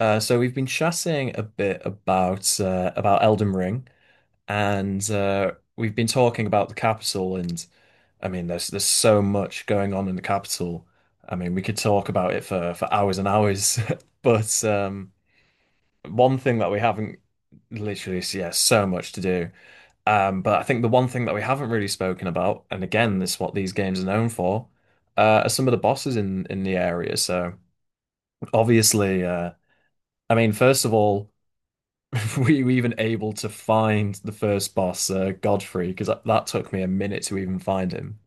So we've been chatting a bit about Elden Ring, and we've been talking about the capital. And I mean, there's so much going on in the capital. I mean, we could talk about it for hours and hours. But one thing that we haven't literally, Yeah, so much to do. But I think the one thing that we haven't really spoken about, and again, this is what these games are known for, are some of the bosses in the area. So obviously, I mean, first of all. were you even able to find the first boss, Godfrey? Because that took me a minute to even find him.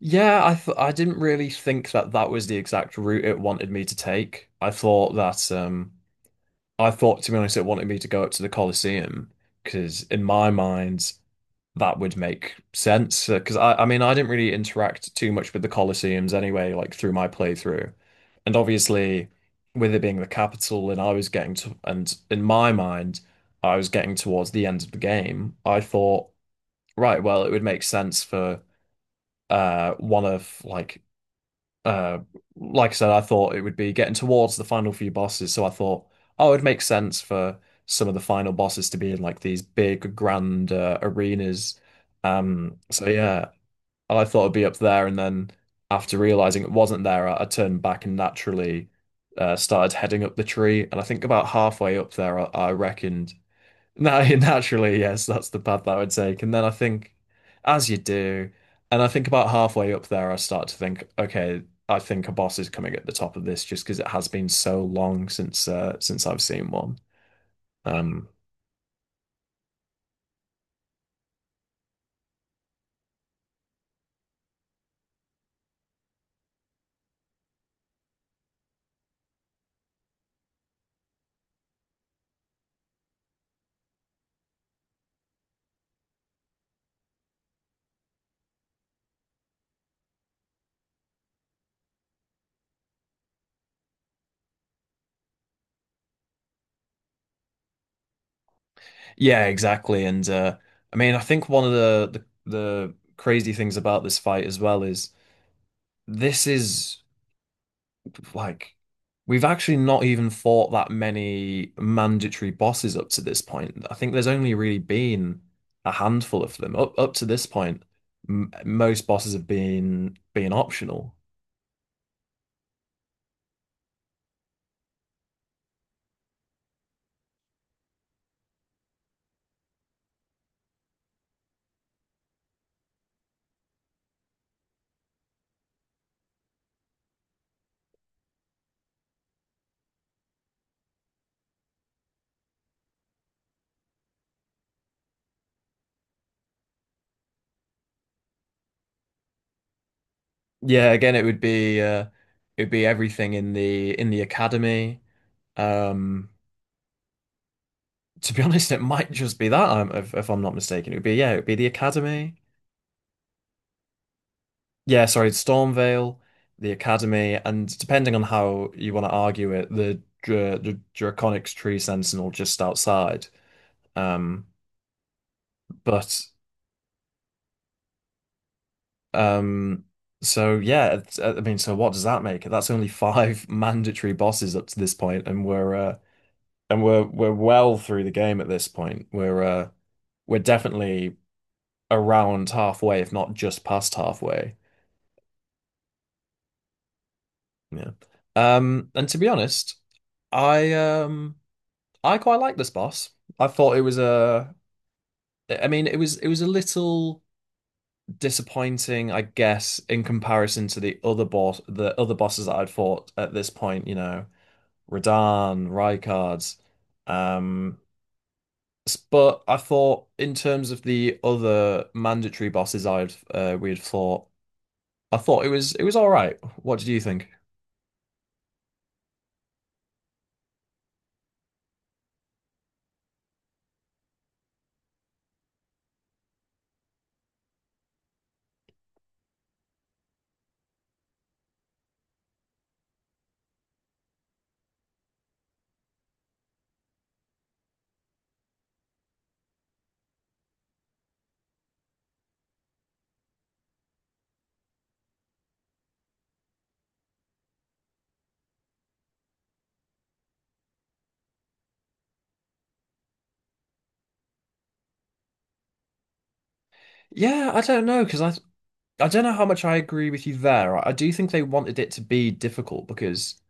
Yeah, I didn't really think that that was the exact route it wanted me to take. I thought that I thought, to be honest, it wanted me to go up to the Colosseum, because in my mind that would make sense. Because I mean, I didn't really interact too much with the Colosseums anyway, like through my playthrough, and obviously with it being the capital and I was getting to, and in my mind I was getting towards the end of the game, I thought, right, well, it would make sense for one of uh, like I said, I thought it would be getting towards the final few bosses, so I thought, oh, it'd make sense for some of the final bosses to be in like these big grand arenas. So yeah, I thought it'd be up there, and then after realizing it wasn't there, I turned back and naturally started heading up the tree. And I think about halfway up there, I reckoned no, naturally, yes, that's the path that I would take. And then I think, as you do, and I think about halfway up there, I start to think, okay, I think a boss is coming at the top of this, just because it has been so long since I've seen one. Um, yeah, exactly. And I mean, I think one of the crazy things about this fight as well is. like we've actually not even fought that many mandatory bosses up to this point. I think there's only really been a handful of them up to this point. M Most bosses have been optional. Yeah, again, it would be it'd be everything in the academy. Um, to be honest, it might just be that if I'm not mistaken. It would be, yeah, it would be the academy. Yeah, sorry, Stormvale, the Academy, and depending on how you want to argue it, the Draconic's Tree Sentinel just outside. Um, but um, so yeah, I mean, so what does that make? That's only five mandatory bosses up to this point, and we're we're well through the game at this point. We're definitely around halfway, if not just past halfway. Yeah. And to be honest, I um. I quite like this boss. I thought it was I mean, it was a little disappointing, I guess, in comparison to the other bosses that I'd fought at this point. You know, Radahn, Rykard. Um, but I thought, in terms of the other mandatory bosses I'd we'd fought, I thought it was all right. What did you think? Yeah, I don't know, because I don't know how much I agree with you there. I do think they wanted it to be difficult because.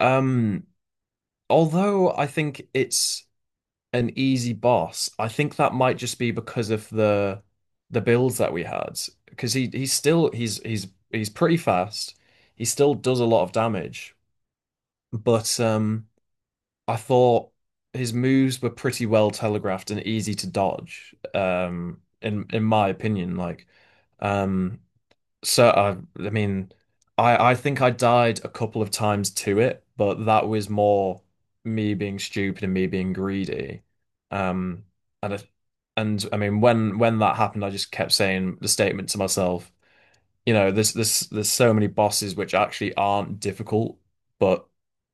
Um, Although I think it's an easy boss, I think that might just be because of the builds that we had. Because he's still he's pretty fast. He still does a lot of damage, but I thought his moves were pretty well telegraphed and easy to dodge. In my opinion, like um, so I mean, I think I died a couple of times to it, but that was more me being stupid and me being greedy. Um, and I, and I mean, when that happened, I just kept saying the statement to myself, you know, there's so many bosses which actually aren't difficult, but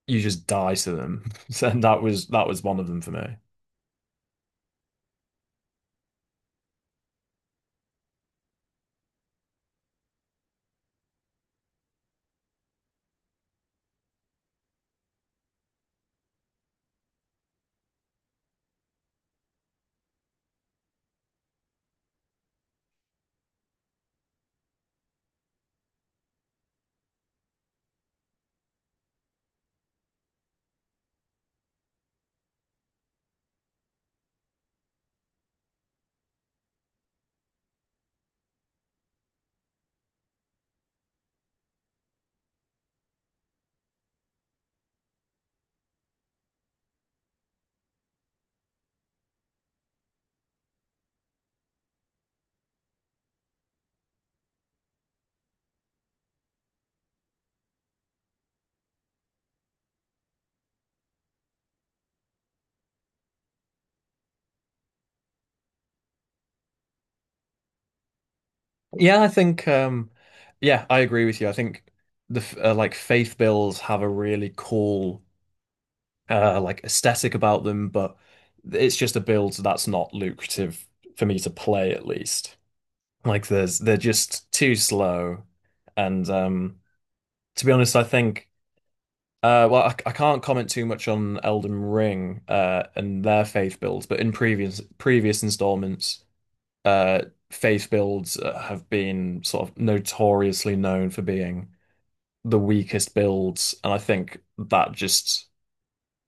you just die to them, and that was one of them for me. Yeah, I think yeah, I agree with you. I think like faith bills have a really cool like aesthetic about them, but it's just a build that's not lucrative for me to play, at least. Like there's they're just too slow, and to be honest, I think well, I can't comment too much on Elden Ring and their faith builds, but in previous installments uh, faith builds have been sort of notoriously known for being the weakest builds, and I think that just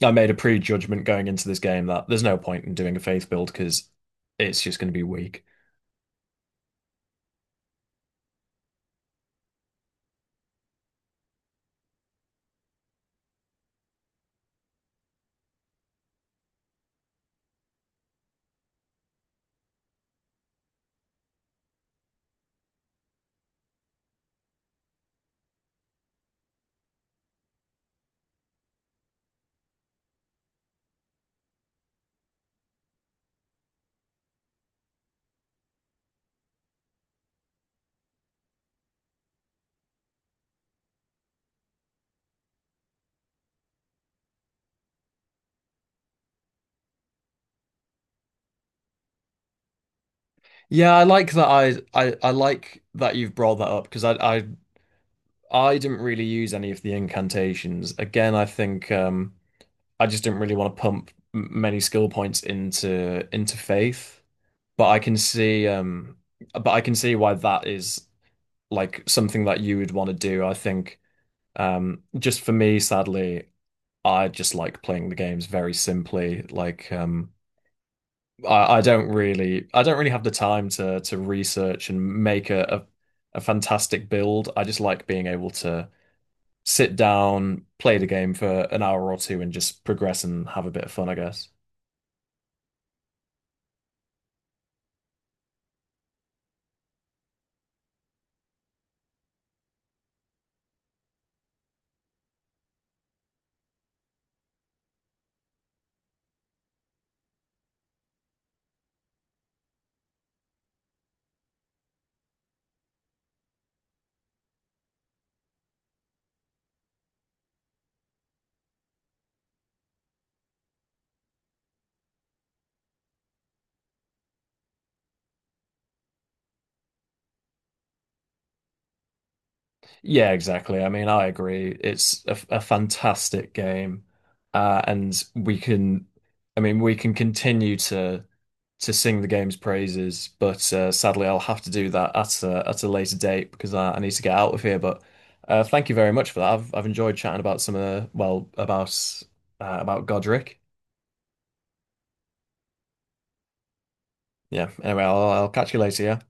I made a prejudgment going into this game that there's no point in doing a faith build because it's just going to be weak. Yeah, I like that. I like that you've brought that up, because I didn't really use any of the incantations. Again, I think I just didn't really want to pump many skill points into faith. But I can see, but I can see why that is, like, something that you would want to do. I think just for me, sadly, I just like playing the games very simply. Like I don't really have the time to research and make a fantastic build. I just like being able to sit down, play the game for an hour or two, and just progress and have a bit of fun, I guess. Yeah, exactly. I mean, I agree. It's a fantastic game. And we can, I mean, we can continue to sing the game's praises, but sadly, I'll have to do that at at a later date, because I need to get out of here. But thank you very much for that. I've enjoyed chatting about some of the, well, about Godric. Yeah. Anyway, I'll catch you later. Yeah.